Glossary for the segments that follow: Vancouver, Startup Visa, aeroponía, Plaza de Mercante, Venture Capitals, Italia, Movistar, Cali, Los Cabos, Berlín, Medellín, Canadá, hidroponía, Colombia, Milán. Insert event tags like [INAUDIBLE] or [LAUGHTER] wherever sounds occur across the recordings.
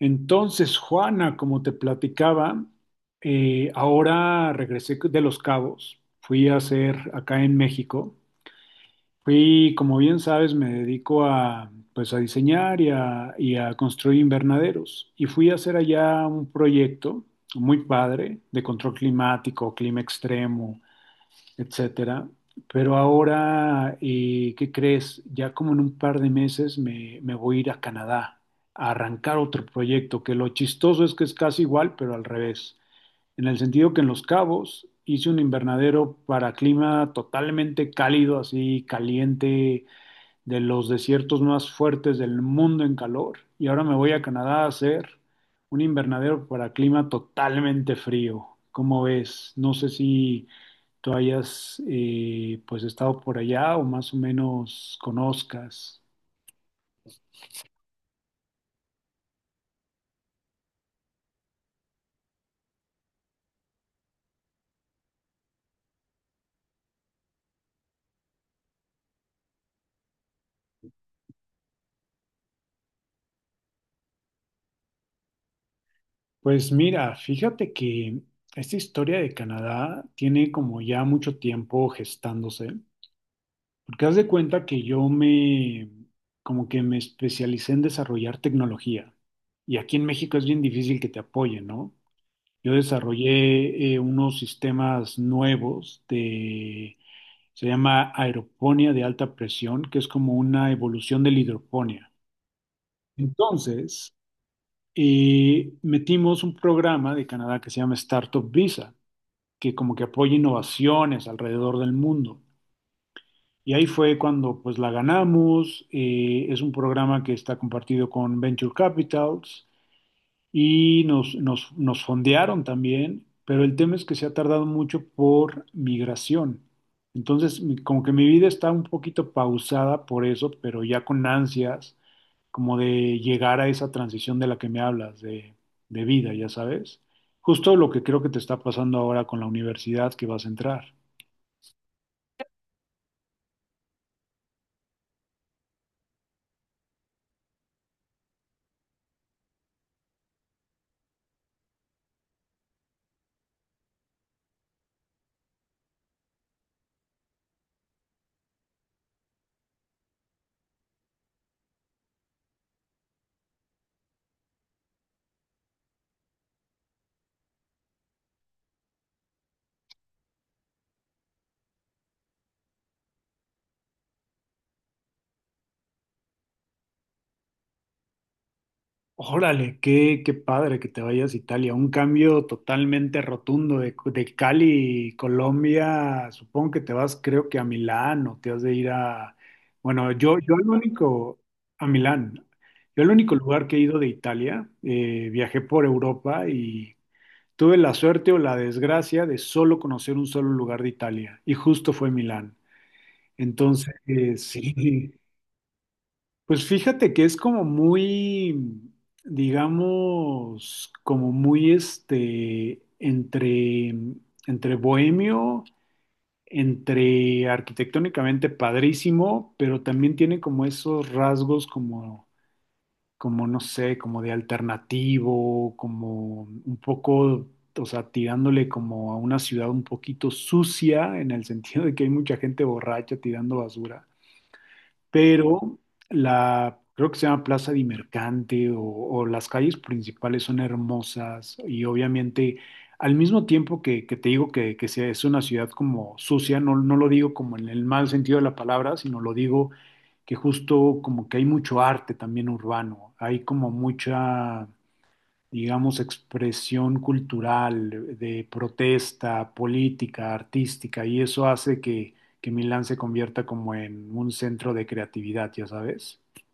Entonces, Juana, como te platicaba, ahora regresé de Los Cabos, fui a hacer acá en México, como bien sabes, me dedico a, pues, a diseñar y a construir invernaderos, y fui a hacer allá un proyecto muy padre de control climático, clima extremo, etcétera. Pero ahora, ¿qué crees? Ya como en un par de meses me voy a ir a Canadá a arrancar otro proyecto, que lo chistoso es que es casi igual, pero al revés. En el sentido que en Los Cabos hice un invernadero para clima totalmente cálido, así caliente, de los desiertos más fuertes del mundo en calor. Y ahora me voy a Canadá a hacer un invernadero para clima totalmente frío. ¿Cómo ves? No sé si tú hayas pues estado por allá o más o menos conozcas. Pues mira, fíjate que esta historia de Canadá tiene como ya mucho tiempo gestándose, porque haz de cuenta que yo me como que me especialicé en desarrollar tecnología y aquí en México es bien difícil que te apoyen, ¿no? Yo desarrollé unos sistemas nuevos se llama aeroponía de alta presión, que es como una evolución de la hidroponía. Entonces, metimos un programa de Canadá que se llama Startup Visa, que como que apoya innovaciones alrededor del mundo. Y ahí fue cuando pues la ganamos. Es un programa que está compartido con Venture Capitals y nos fondearon también, pero el tema es que se ha tardado mucho por migración. Entonces, como que mi vida está un poquito pausada por eso, pero ya con ansias, como de llegar a esa transición de la que me hablas, de vida, ya sabes. Justo lo que creo que te está pasando ahora con la universidad que vas a entrar. Órale, qué padre que te vayas a Italia. Un cambio totalmente rotundo de Cali, Colombia. Supongo que te vas, creo que a Milán o te has de ir a... Bueno, a Milán. Yo el único lugar que he ido de Italia, viajé por Europa y tuve la suerte o la desgracia de solo conocer un solo lugar de Italia y justo fue Milán. Entonces, [LAUGHS] sí, pues fíjate que es como muy, digamos, como muy este, entre, entre bohemio, entre arquitectónicamente padrísimo, pero también tiene como esos rasgos como, no sé, como de alternativo, como un poco, o sea, tirándole como a una ciudad un poquito sucia, en el sentido de que hay mucha gente borracha tirando basura, pero la, creo que se llama Plaza de Mercante o las calles principales son hermosas, y obviamente al mismo tiempo que te digo que es una ciudad como sucia, no, no lo digo como en el mal sentido de la palabra, sino lo digo que justo como que hay mucho arte también urbano, hay como mucha, digamos, expresión cultural, de protesta, política, artística, y eso hace que Milán se convierta como en un centro de creatividad, ya sabes. [LAUGHS]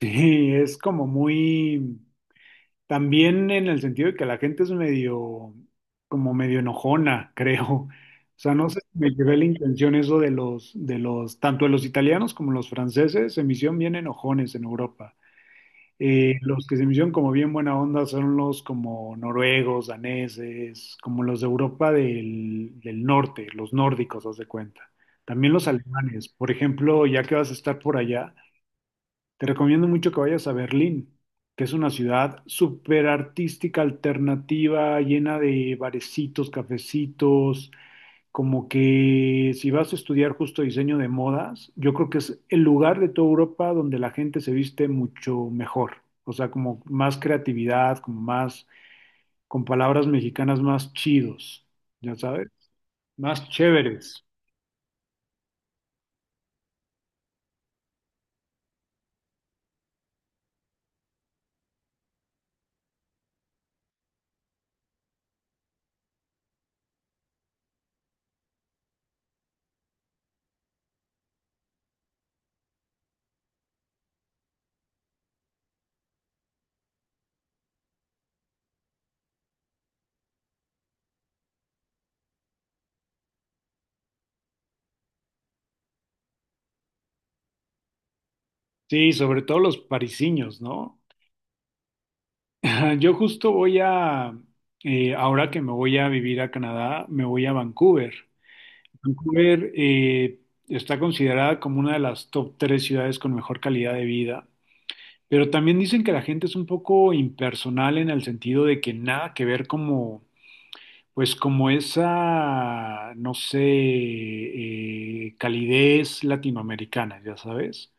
Sí, es como muy, también en el sentido de que la gente es medio, como medio enojona, [LAUGHS] creo. O sea, no sé si me llevé la intención eso de los, tanto de los italianos como los franceses, se me hicieron bien enojones en Europa. Los que se me hicieron como bien buena onda son los como noruegos, daneses, como los de Europa del norte, los nórdicos, haz de cuenta. También los alemanes. Por ejemplo, ya que vas a estar por allá, te recomiendo mucho que vayas a Berlín, que es una ciudad súper artística, alternativa, llena de barecitos, cafecitos, como que si vas a estudiar justo diseño de modas, yo creo que es el lugar de toda Europa donde la gente se viste mucho mejor, o sea, como más creatividad, como más, con palabras mexicanas más chidos, ya sabes, más chéveres. Sí, sobre todo los parisiños, ¿no? [LAUGHS] Yo justo ahora que me voy a vivir a Canadá, me voy a Vancouver. Vancouver está considerada como una de las top tres ciudades con mejor calidad de vida. Pero también dicen que la gente es un poco impersonal en el sentido de que nada que ver como, pues como esa, no sé, calidez latinoamericana, ya sabes.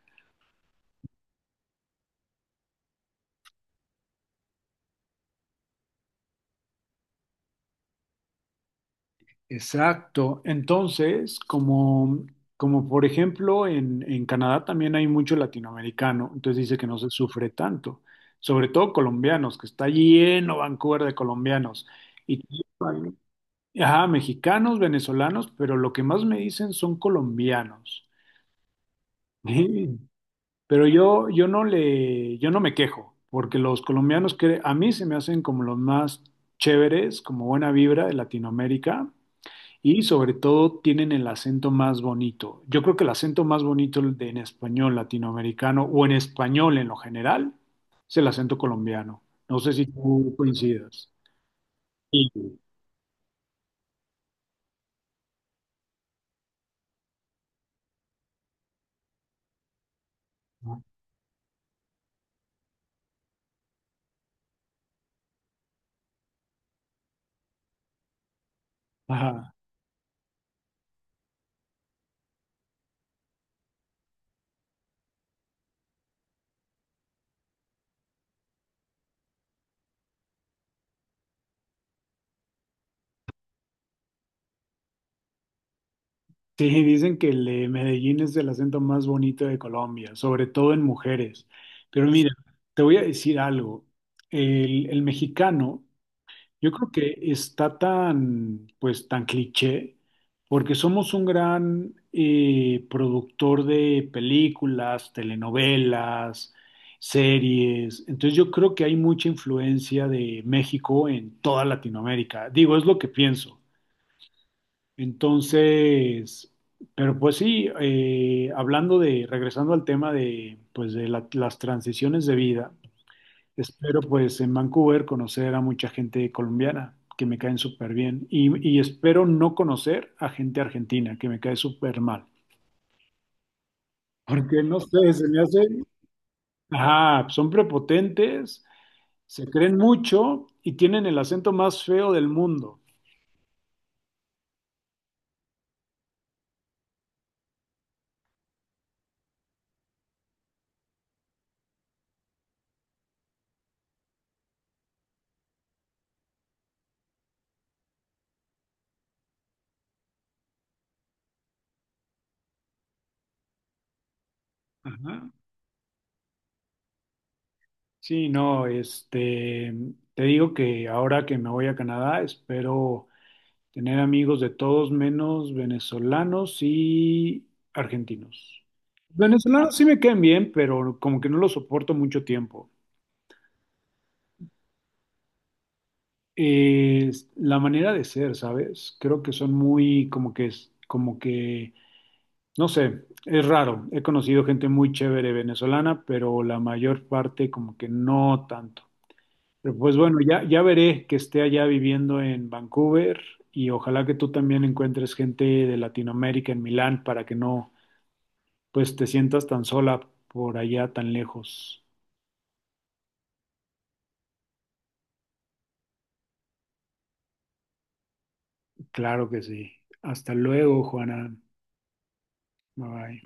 Exacto. Entonces, como, por ejemplo en Canadá también hay mucho latinoamericano, entonces dice que no se sufre tanto, sobre todo colombianos, que está lleno Vancouver de colombianos. Y Ajá, mexicanos, venezolanos, pero lo que más me dicen son colombianos. Sí, [LAUGHS] pero yo, yo no me quejo, porque los colombianos que a mí se me hacen como los más chéveres, como buena vibra de Latinoamérica, y sobre todo tienen el acento más bonito. Yo creo que el acento más bonito en español latinoamericano o en español en lo general es el acento colombiano. No sé si tú coincidas. Sí. Ajá. Sí, dicen que el de Medellín es el acento más bonito de Colombia, sobre todo en mujeres. Pero mira, te voy a decir algo. El mexicano, yo creo que está tan, pues, tan cliché, porque somos un gran productor de películas, telenovelas, series. Entonces yo creo que hay mucha influencia de México en toda Latinoamérica. Digo, es lo que pienso. Entonces, pero pues sí, hablando regresando al tema de, pues de las transiciones de vida, espero pues en Vancouver conocer a mucha gente colombiana que me caen súper bien y espero no conocer a gente argentina que me cae súper mal, porque no sé, se me hace, ajá, son prepotentes, se creen mucho y tienen el acento más feo del mundo. Ajá. Sí, no, te digo que ahora que me voy a Canadá, espero tener amigos de todos menos venezolanos y argentinos. Venezolanos sí me quedan bien, pero como que no los soporto mucho tiempo. Es la manera de ser, ¿sabes? Creo que son muy, como que es, como que, no sé, es raro. He conocido gente muy chévere venezolana, pero la mayor parte como que no tanto. Pues bueno, ya veré que esté allá viviendo en Vancouver y ojalá que tú también encuentres gente de Latinoamérica en Milán para que no, pues te sientas tan sola por allá tan lejos. Claro que sí. Hasta luego, Juana. Bye bye.